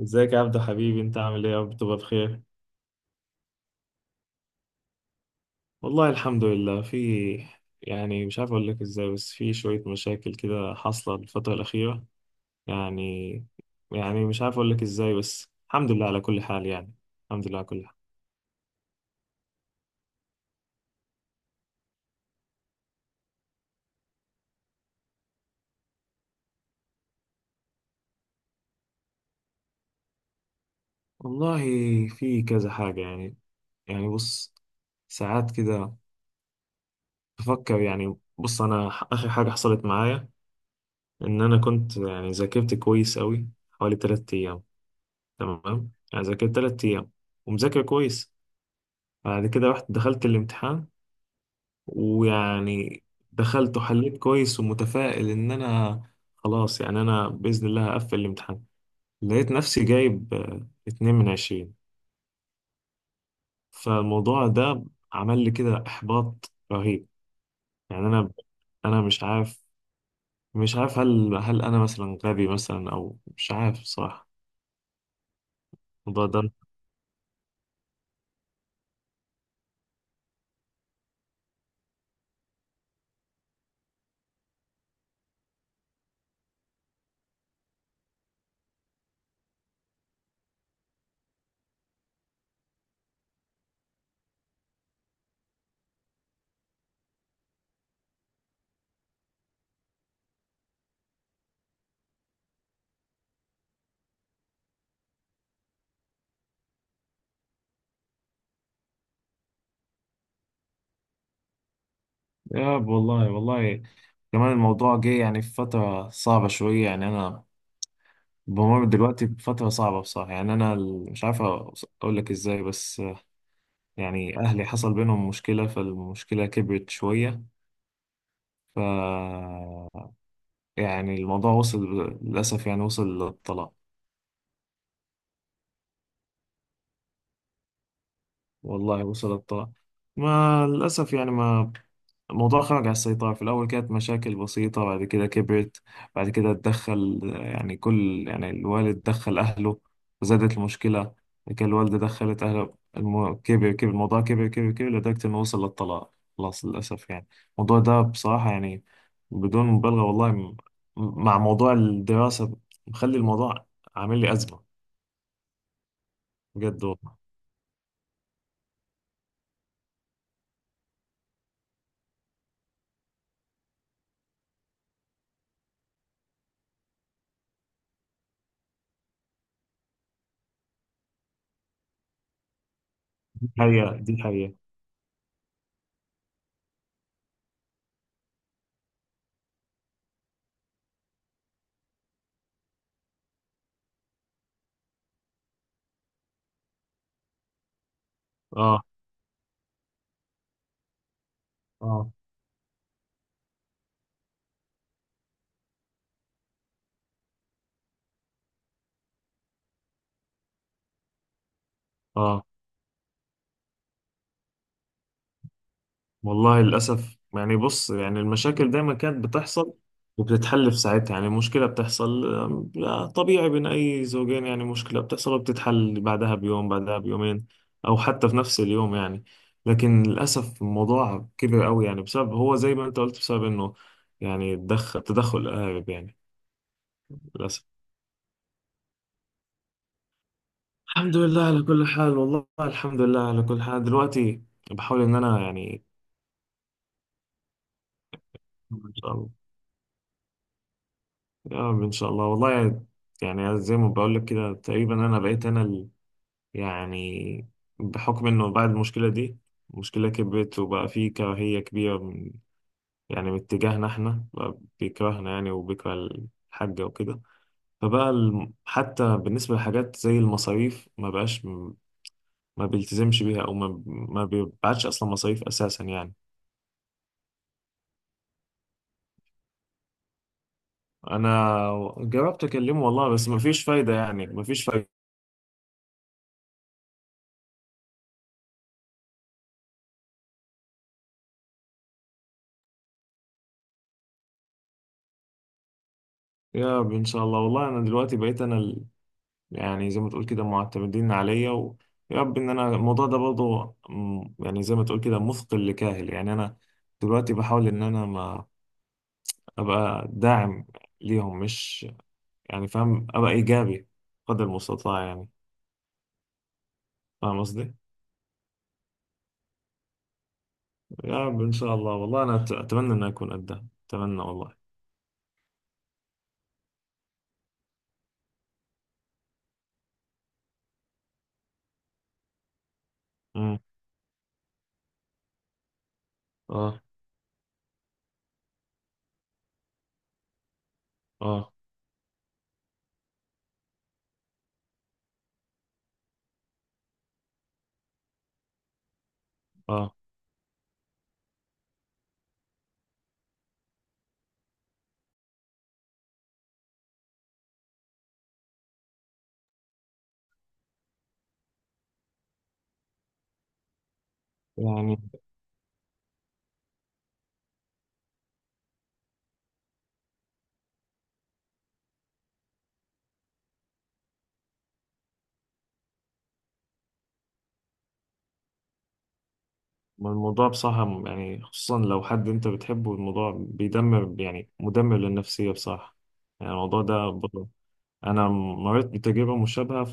ازيك يا عبدو حبيبي، انت عامل ايه؟ يا رب تبقى بخير. والله الحمد لله. في، يعني مش عارف اقول لك ازاي، بس في شوية مشاكل كده حاصلة الفترة الأخيرة. يعني، يعني مش عارف اقول لك ازاي، بس الحمد لله على كل حال يعني. الحمد لله على كل حال. والله في كذا حاجة يعني. يعني بص، ساعات كده بفكر. يعني بص، انا اخر حاجة حصلت معايا، ان انا كنت يعني ذاكرت كويس قوي حوالي 3 ايام. تمام، يعني ذاكرت 3 ايام ومذاكر كويس. بعد كده رحت دخلت الامتحان، ويعني دخلت وحليت كويس، ومتفائل ان انا خلاص، يعني انا باذن الله هقفل الامتحان. لقيت نفسي جايب اتنين من عشرين. فالموضوع ده عمل لي كده احباط رهيب. يعني انا مش عارف، هل انا مثلا غبي مثلا، او مش عارف صراحة الموضوع ده. يا والله والله، كمان الموضوع جه يعني في فترة صعبة شوية. يعني أنا بمر دلوقتي بفترة صعبة بصراحة. يعني أنا مش عارف أقول لك إزاي، بس يعني أهلي حصل بينهم مشكلة، فالمشكلة كبرت شوية. ف، يعني الموضوع وصل، للأسف يعني، وصل للطلاق. والله وصل للطلاق. ما للأسف يعني، ما الموضوع خرج عن السيطرة. في الأول كانت مشاكل بسيطة، بعد كده كبرت. بعد كده اتدخل، يعني كل، يعني الوالد دخل أهله، زادت المشكلة. بعد كده الوالدة دخلت أهله، كبر، كبر الموضوع، كبر كبر كبر، لدرجة إنه وصل للطلاق، خلاص للأسف يعني. الموضوع ده بصراحة يعني، بدون مبالغة والله، مع موضوع الدراسة، مخلي الموضوع عامل لي أزمة. بجد والله. دي حقيقة، دي حقيقة. آه. آه. آه والله، للأسف. يعني بص، يعني المشاكل دايما كانت بتحصل، وبتتحل في ساعتها. يعني مشكلة بتحصل، لا، طبيعي بين أي زوجين. يعني مشكلة بتحصل وبتتحل بعدها بيوم، بعدها بيومين، أو حتى في نفس اليوم يعني. لكن للأسف الموضوع كبر قوي، يعني بسبب، هو زي ما أنت قلت، بسبب إنه يعني تدخل الأهالي يعني. للأسف. الحمد لله على كل حال، والله الحمد لله على كل حال دلوقتي. بحاول إن أنا يعني، إن شاء الله. يا رب ان شاء الله والله. يعني زي ما بقول لك كده، تقريبا انا بقيت انا يعني، بحكم انه بعد المشكله دي، المشكله كبرت، وبقى في كراهيه كبيره يعني من اتجاهنا احنا، بقى بيكرهنا يعني، وبيكره الحاجه وكده. فبقى حتى بالنسبه لحاجات زي المصاريف، ما بقاش ما بيلتزمش بيها، او ما بيبعتش اصلا مصاريف اساسا يعني. انا جربت اكلمه والله، بس ما فيش فايده، يعني ما فيش فايده. يا رب ان شاء الله، والله انا دلوقتي بقيت انا، يعني زي ما تقول كده معتمدين عليا. ويا رب ان انا الموضوع ده برضه، يعني زي ما تقول كده مثقل لكاهل. يعني انا دلوقتي بحاول ان انا ما ابقى داعم ليهم، مش يعني فاهم، ابقى ايجابي قدر المستطاع يعني. فاهم قصدي؟ يا رب ان شاء الله، والله انا اتمنى ان اكون قدها، اتمنى والله. امم. اه. اه. اه، يعني الموضوع بصراحة، يعني خصوصا لو حد انت بتحبه، الموضوع بيدمر، يعني مدمر للنفسية بصراحة يعني. الموضوع ده انا مريت بتجربه مشابهه،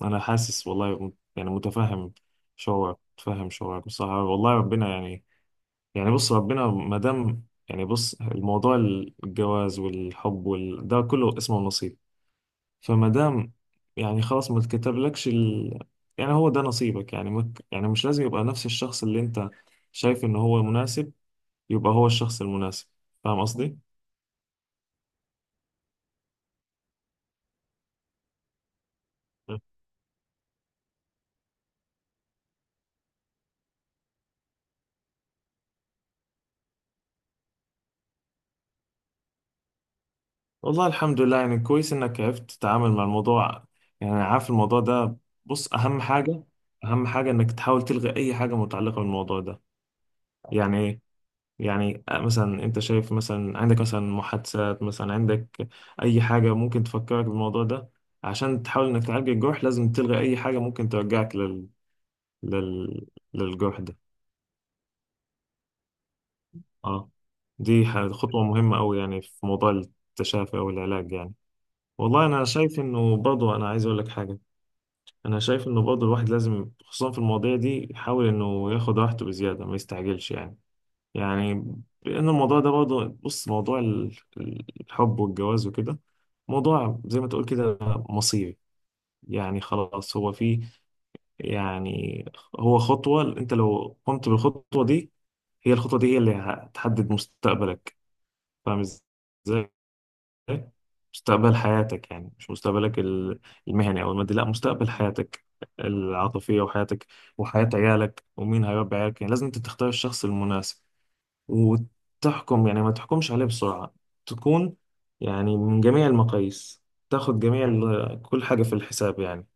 فانا حاسس والله يعني متفهم شعورك، متفهم شعورك بصراحه والله. ربنا يعني، يعني بص ربنا ما دام، يعني بص الموضوع، الجواز والحب ده كله اسمه نصيب. فما دام يعني خلاص ما اتكتبلكش يعني هو ده نصيبك. يعني يعني مش لازم يبقى نفس الشخص اللي انت شايف ان هو مناسب، يبقى هو الشخص المناسب. فاهم قصدي؟ والله الحمد لله، يعني كويس انك عرفت تتعامل مع الموضوع. يعني أنا عارف الموضوع ده، بص اهم حاجة، اهم حاجة انك تحاول تلغي اي حاجة متعلقة بالموضوع ده. يعني ايه؟ يعني مثلا انت شايف مثلا عندك مثلا محادثات، مثلا عندك اي حاجة ممكن تفكرك بالموضوع ده. عشان تحاول انك تعالج الجرح، لازم تلغي اي حاجة ممكن ترجعك لل... للجرح ده. اه، دي خطوة مهمة أوي يعني، في موضوع التشافي أو العلاج يعني. والله أنا شايف إنه برضو، أنا عايز أقول لك حاجة. انا شايف انه برضه الواحد لازم، خصوصا في المواضيع دي، يحاول انه ياخد راحته بزياده، ما يستعجلش يعني. يعني لان الموضوع ده برضه، بص، موضوع الحب والجواز وكده، موضوع زي ما تقول كده مصيري. يعني خلاص هو فيه، يعني هو خطوه، انت لو قمت بالخطوه دي، هي الخطوه دي هي اللي هتحدد مستقبلك. فاهم ازاي؟ مستقبل حياتك، يعني مش مستقبلك المهني او المادي، لا، مستقبل حياتك العاطفيه، وحياتك، وحياه عيالك، ومين هيربي عيالك. يعني لازم انت تختار الشخص المناسب، وتحكم، يعني ما تحكمش عليه بسرعه، تكون يعني من جميع المقاييس، تاخد جميع كل حاجه في الحساب يعني.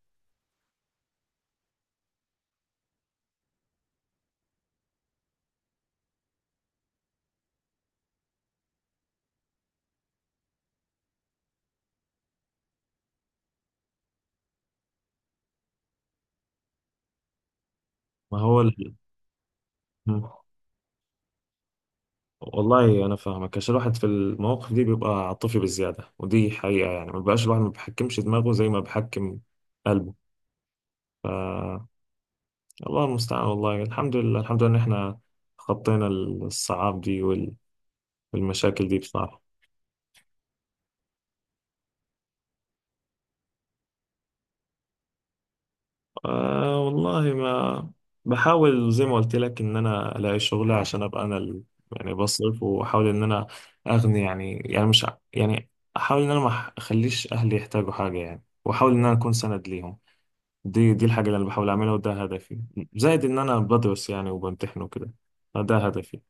ما هو مم. والله انا فاهمك، عشان الواحد في المواقف دي بيبقى عاطفي بزياده، ودي حقيقه يعني، ما بيبقاش الواحد، ما بيحكمش دماغه زي ما بيحكم قلبه. الله المستعان، والله الحمد لله، الحمد لله ان احنا خطينا الصعاب دي والمشاكل دي بصراحة. والله ما، بحاول زي ما قلت لك ان انا الاقي شغل عشان ابقى انا يعني بصرف، واحاول ان انا اغني يعني. يعني مش ع- يعني احاول ان انا ما اخليش اهلي يحتاجوا حاجة يعني، واحاول ان انا اكون سند ليهم. دي الحاجة اللي انا بحاول اعملها، وده هدفي. زائد ان انا بدرس يعني، وبمتحن وكده، فده هدفي.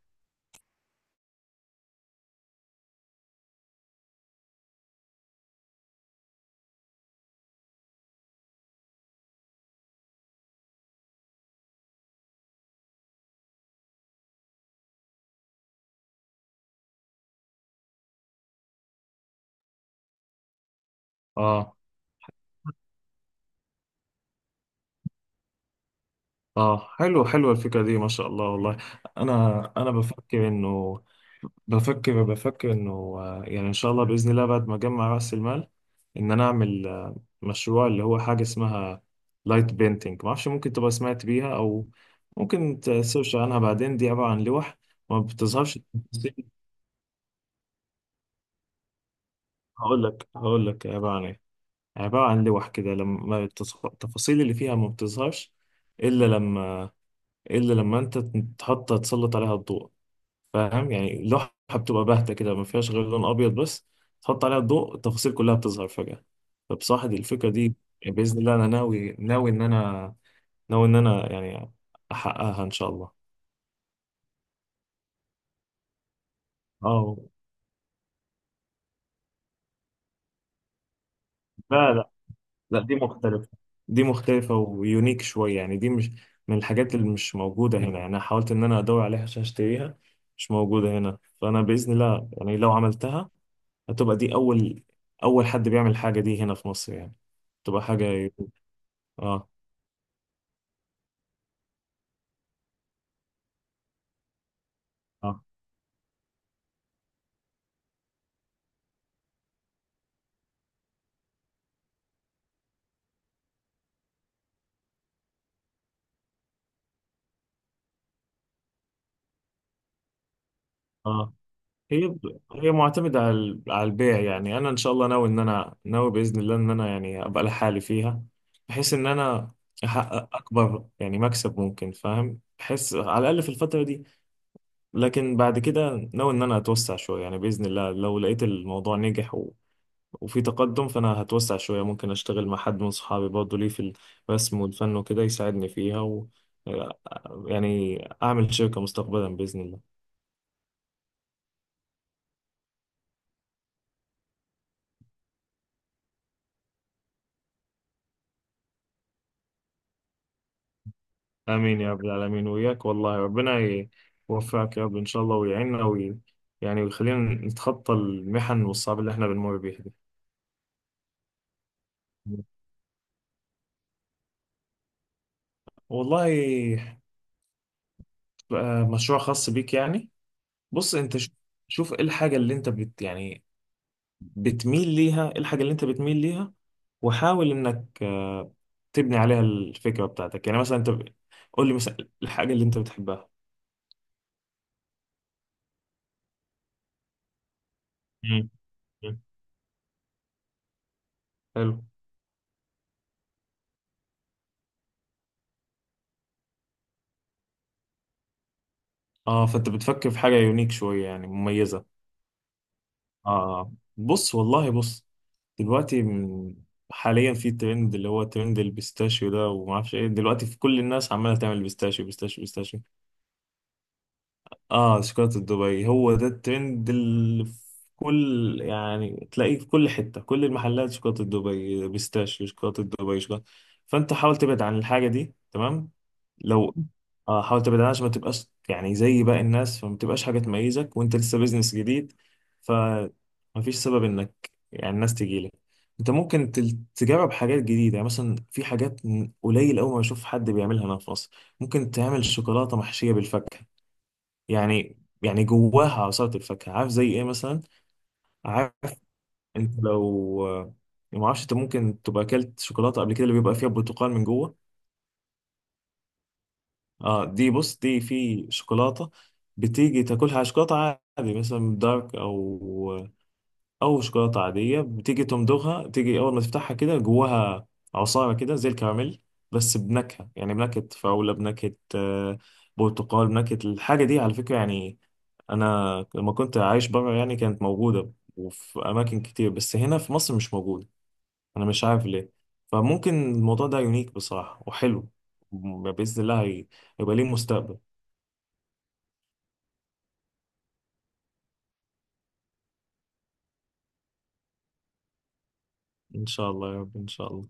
اه. اه حلو، حلو الفكرة دي ما شاء الله والله. انا بفكر انه، بفكر انه يعني ان شاء الله بإذن الله، بعد ما اجمع رأس المال، ان انا اعمل مشروع، اللي هو حاجة اسمها لايت بينتينج. ما اعرفش ممكن تبقى سمعت بيها، او ممكن تسيرش عنها بعدين. دي عبارة عن لوح ما بتظهرش التفاصيل. هقول لك، هقول لك عبارة عن ايه. عبارة عن لوح كده، لما التفاصيل اللي فيها ما بتظهرش، الا لما، الا لما انت تحط تسلط عليها الضوء. فاهم؟ يعني لوحه بتبقى باهته كده، ما فيهاش غير لون ابيض بس، تحط عليها الضوء، التفاصيل كلها بتظهر فجاه. فبصراحه دي الفكره دي، يعني باذن الله انا ناوي، ان انا ناوي، ان انا يعني احققها ان شاء الله. اه. لا، لا، لا، دي مختلفه، دي مختلفه ويونيك شويه. يعني دي مش من الحاجات، اللي مش موجوده هنا يعني. انا حاولت ان انا ادور عليها عشان اشتريها، مش موجوده هنا. فانا باذن الله يعني، لو عملتها، هتبقى دي أول حد بيعمل الحاجة دي هنا في مصر يعني، تبقى حاجة. اه. اه. اه، هي، هي معتمدة على على البيع. يعني أنا إن شاء الله ناوي، إن أنا ناوي بإذن الله، إن أنا يعني أبقى لحالي فيها، بحيث إن أنا أحقق أكبر يعني مكسب ممكن، فاهم، بحيث على الأقل في الفترة دي. لكن بعد كده ناوي إن أنا أتوسع شوية، يعني بإذن الله لو لقيت الموضوع نجح وفي تقدم، فانا هتوسع شويه. ممكن اشتغل مع حد من صحابي برضه، ليه في الرسم والفن وكده، يساعدني فيها، و يعني اعمل شركه مستقبلا باذن الله. امين يا رب العالمين، وياك والله. ربنا يوفقك يا رب ان شاء الله، ويعيننا، يعني ويخلينا نتخطى المحن والصعاب اللي احنا بنمر بيها دي. والله، مشروع خاص بيك يعني. بص انت شوف، شوف ايه الحاجه اللي انت يعني بتميل ليها، ايه الحاجه اللي انت بتميل ليها، وحاول انك تبني عليها الفكرة بتاعتك. يعني مثلا انت قول لي مثلا الحاجة اللي انت بتحبها. مم. مم. حلو. اه، فانت بتفكر في حاجة يونيك شوية، يعني مميزة. اه بص، والله بص، دلوقتي حاليا في ترند، اللي هو ترند البيستاشيو ده وما اعرفش ايه. دلوقتي في كل الناس عمالة تعمل بيستاشيو، بيستاشيو، بيستاشيو. اه، شوكولاتة دبي، هو ده الترند اللي في كل، يعني تلاقيه في كل حتة، كل المحلات شوكولاتة دبي، بيستاشيو، شوكولاتة دبي، شوكولاتة. فانت حاول تبعد عن الحاجة دي، تمام؟ لو، اه، حاول تبعد عنها عشان ما تبقاش يعني زي باقي الناس، فما تبقاش حاجة تميزك، وانت لسه بيزنس جديد. فمفيش سبب انك يعني الناس تجيلك. انت ممكن تجرب حاجات جديدة. يعني مثلا في حاجات قليل أوي ما بشوف حد بيعملها هنا في مصر. ممكن تعمل شوكولاتة محشية بالفاكهة. يعني، يعني جواها عصارة الفاكهة. عارف زي ايه مثلا؟ عارف، انت لو، يعني ما اعرفش، انت ممكن تبقى اكلت شوكولاتة قبل كده، اللي بيبقى فيها برتقال من جوه. اه، دي بص، دي في شوكولاتة بتيجي تاكلها على شوكولاتة عادي مثلا دارك، او او شوكولاته عاديه، بتيجي تمضغها، تيجي اول ما تفتحها كده جواها عصاره كده زي الكراميل، بس بنكهه، يعني بنكهه فراوله، بنكهه برتقال، بنكهه. الحاجه دي على فكره يعني، انا لما كنت عايش بره يعني، كانت موجوده وفي اماكن كتير، بس هنا في مصر مش موجوده. انا مش عارف ليه. فممكن الموضوع ده يونيك بصراحه، وحلو. باذن الله هيبقى ليه مستقبل. ان شاء الله يا رب ان شاء الله.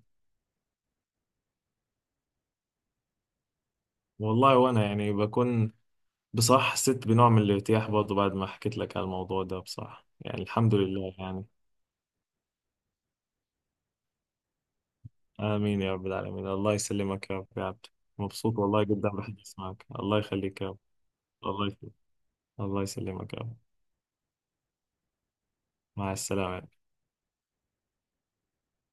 والله وانا يعني بكون، بصراحة حسيت بنوع من الارتياح برضه بعد ما حكيت لك على الموضوع ده بصراحة، يعني الحمد لله يعني. آمين يا رب العالمين، الله يسلمك يا رب يا عبد. مبسوط والله جدا بحديث معك، الله يخليك يا رب. الله يخليك. الله يسلمك يا رب. مع السلامة.